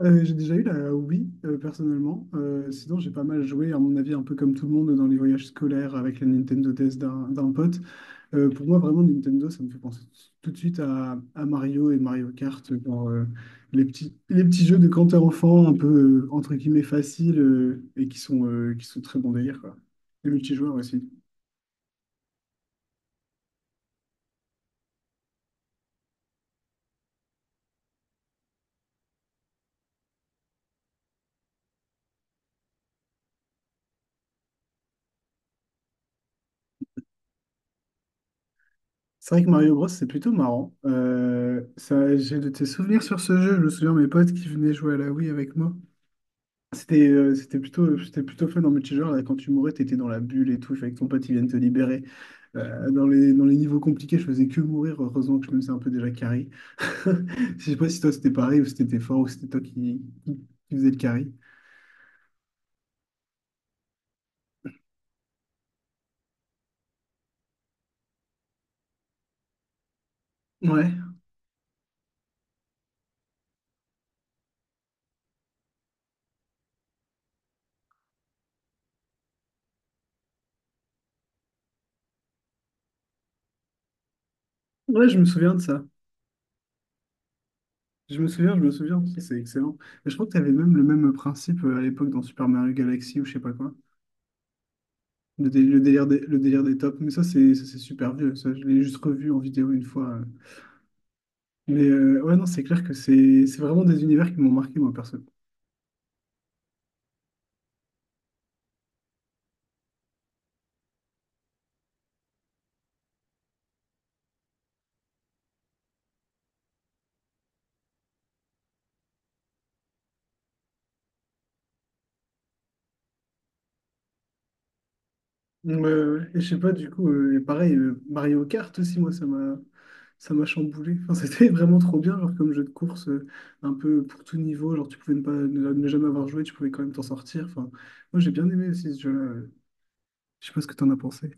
J'ai déjà eu la Wii, personnellement. Sinon, j'ai pas mal joué, à mon avis, un peu comme tout le monde, dans les voyages scolaires avec la Nintendo DS d'un pote. Pour moi, vraiment, Nintendo, ça me fait penser tout de suite à Mario et Mario Kart, genre, les petits jeux de quand t'es enfant, un peu, entre guillemets, faciles et qui sont très bon délire, quoi. Les multijoueurs aussi. C'est vrai que Mario Bros, c'est plutôt marrant. Ça, j'ai de tes souvenirs sur ce jeu. Je me souviens de mes potes qui venaient jouer à la Wii avec moi. C'était plutôt fun en multijoueur. Là, quand tu mourais, t'étais dans la bulle et tout. Il fallait que ton pote il vienne te libérer. Dans les niveaux compliqués, je faisais que mourir. Heureusement que je me faisais un peu déjà carry. Je sais pas si toi c'était pareil ou si t'étais fort ou si c'était toi qui faisais le carry. Ouais, ouais, je me souviens de ça. Je me souviens, je me souviens. C'est excellent. Et je crois que t'avais même le même principe à l'époque dans Super Mario Galaxy ou je sais pas quoi. Le délire des tops. Mais ça, c'est super vieux. Ça, je l'ai juste revu en vidéo une fois. Mais ouais, non, c'est clair que c'est vraiment des univers qui m'ont marqué, moi, perso. Ouais, ouais. Et je sais pas, du coup, pareil, Mario Kart aussi, moi, ça m'a chamboulé. Enfin, c'était vraiment trop bien, genre comme jeu de course, un peu pour tout niveau. Genre, tu pouvais ne pas ne, ne jamais avoir joué, tu pouvais quand même t'en sortir. Enfin, moi, j'ai bien aimé aussi ce jeu-là. Je sais pas ce que t'en as pensé.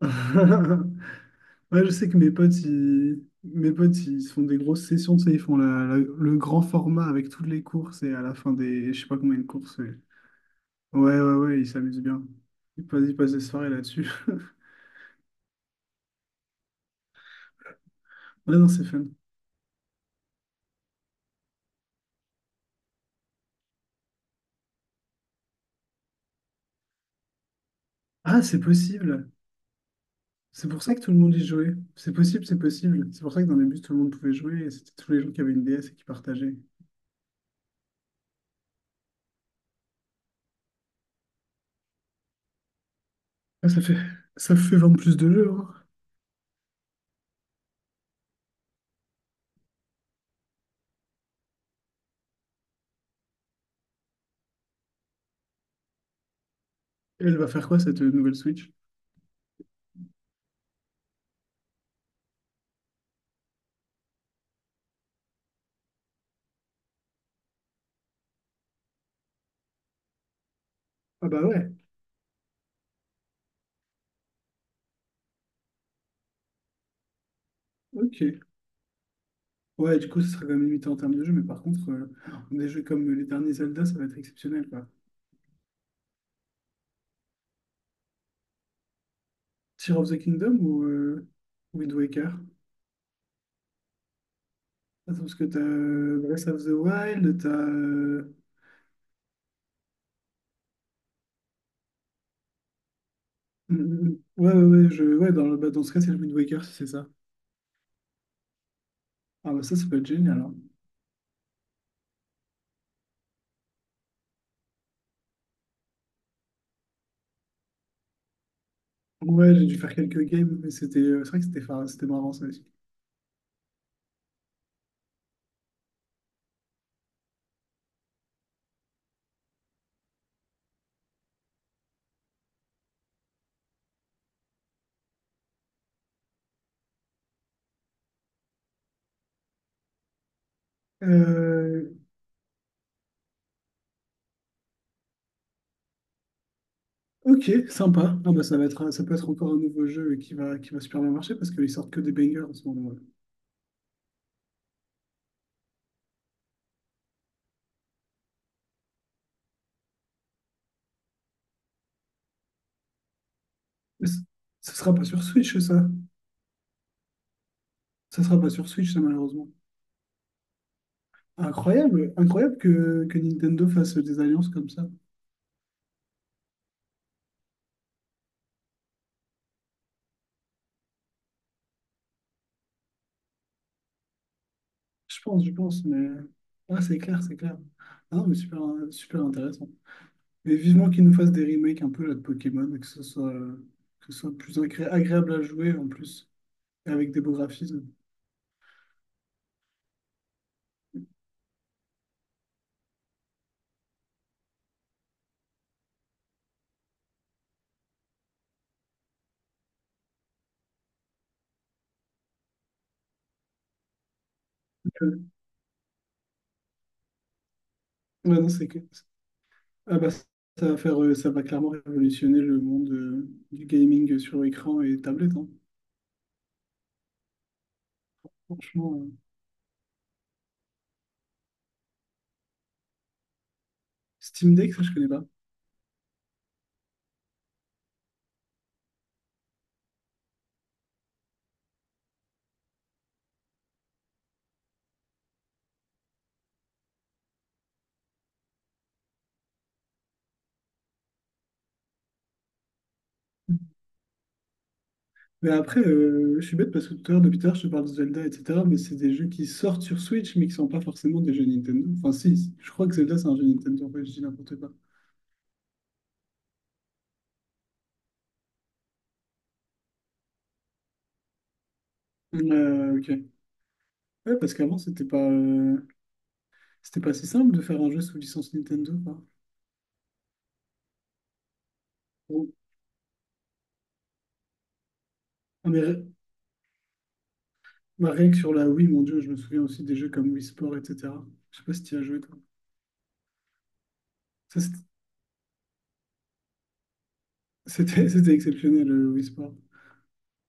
Ouais, je sais que mes potes, ils se font des grosses sessions, tu sais, ils font le grand format avec toutes les courses et à la fin des, je sais pas combien de courses, Ouais, ouais, ouais, il s'amuse bien. Il passe des soirées là-dessus. Ouais, non, c'est fun. Ah, c'est possible. C'est pour ça que tout le monde y jouait. C'est possible, c'est possible. C'est pour ça que dans les bus, tout le monde pouvait jouer et c'était tous les gens qui avaient une DS et qui partageaient. Ah, ça fait vendre plus de jeux, hein. Et elle va faire quoi, cette nouvelle Switch? Ah bah ouais, ok. Ouais, du coup, ce sera quand même limité en termes de jeux, mais par contre, des jeux comme les derniers Zelda, ça va être exceptionnel, quoi. Tears of the Kingdom ou Wind Waker? Attends, parce que t'as Breath of the Wild, t'as Mm, mm, mm. Ouais, ouais, ouais, je, ouais dans, bah, dans ce cas, c'est le Wind Waker, si c'est ça. Ah, bah, ça peut être génial, hein. Ouais, j'ai dû faire quelques games, mais c'était, c'est vrai que c'était c'était marrant, ça aussi. Euh, ok, sympa. Ah, bah, ça va être, ça peut être encore un nouveau jeu qui va super bien marcher parce qu'ils sortent que des bangers en ce moment. Ouais. Mais ça sera pas sur Switch, ça. Ça sera pas sur Switch, ça, malheureusement. Incroyable, incroyable que Nintendo fasse des alliances comme ça. Je pense, mais. Ah, c'est clair, c'est clair. Ah, non, mais super, super intéressant. Mais vivement qu'ils nous fassent des remakes un peu là, de Pokémon et que ce soit plus agréable à jouer en plus, et avec des beaux graphismes. Euh, ouais, non, c'est que... Ah bah, ça va faire, ça va clairement révolutionner le monde du gaming sur écran et tablette, hein. Franchement, Steam Deck, ça je connais pas. Mais après, je suis bête parce que tout à l'heure, depuis tout à l'heure, je te parle de Zelda, etc. Mais c'est des jeux qui sortent sur Switch, mais qui sont pas forcément des jeux Nintendo. Enfin, si, si, je crois que Zelda, c'est un jeu Nintendo. Ouais, je dis n'importe quoi. Ok. Ouais, parce qu'avant, c'était pas si simple de faire un jeu sous licence Nintendo, quoi. Bon. Ah, mais ré- Bah, rien que sur la Wii, mon Dieu, je me souviens aussi des jeux comme Wii Sport, etc. Je sais pas si tu as joué, toi. Ça, c'était C'était exceptionnel, le Wii Sport.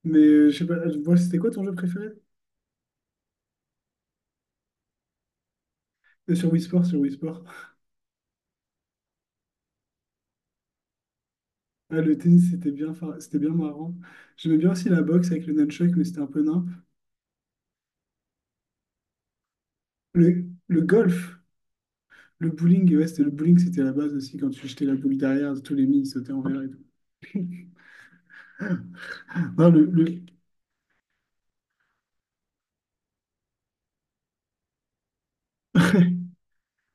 Mais je sais pas, je vois c'était quoi ton jeu préféré? Sur Wii Sport, sur Wii Sport. Ah, le tennis, c'était bien, c'était bien marrant. J'aimais bien aussi la boxe avec le nunchuck, mais c'était un peu nimp. Le golf, le bowling, ouais, c'était le bowling, c'était la base aussi. Quand tu jetais la boule derrière, tous les mines sautaient envers et tout. Non, le-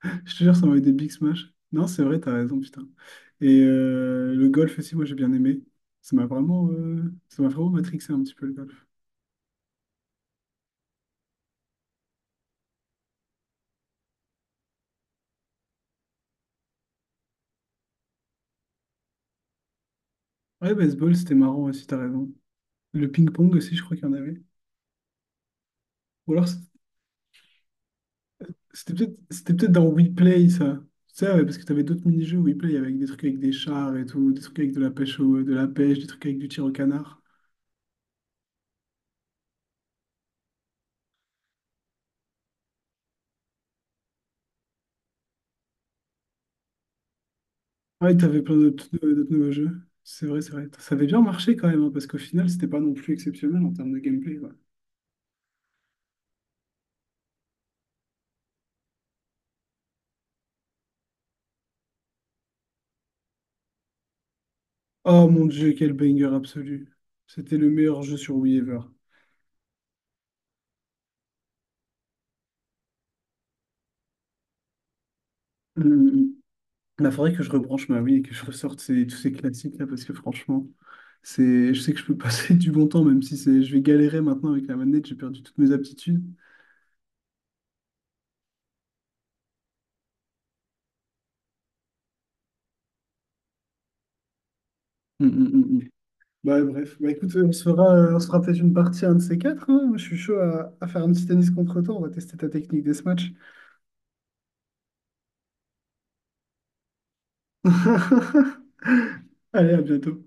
Je te jure, ça m'avait des big smash. Non, c'est vrai, t'as raison, putain. Et le golf aussi, moi, j'ai bien aimé. Ça m'a vraiment matrixé un petit peu le golf. Ouais, baseball, c'était marrant aussi, t'as raison. Le ping-pong aussi, je crois qu'il y en avait. Ou alors, c'était peut-être dans Weplay, ça. Ça, ouais, parce que t'avais d'autres mini-jeux Weplay avec des trucs avec des chars et tout, des trucs avec de la pêche, des trucs avec du tir au canard. Ouais, t'avais plein d'autres d'autres nouveaux jeux. C'est vrai, c'est vrai. Ça avait bien marché quand même, hein, parce qu'au final, c'était pas non plus exceptionnel en termes de gameplay, quoi. Oh mon Dieu, quel banger absolu. C'était le meilleur jeu sur Wii ever. Il faudrait que je rebranche ma Wii et que je ressorte tous ces classiques là parce que franchement, c'est, je sais que je peux passer du bon temps même si c'est, je vais galérer maintenant avec la manette, j'ai perdu toutes mes aptitudes. Mm, mm, mm, mm. Bah, bref, bah, écoute, on se fera peut-être une partie un de ces quatre, hein. Moi, je suis chaud à faire un petit tennis contre toi. On va tester ta technique des matchs. Allez, à bientôt.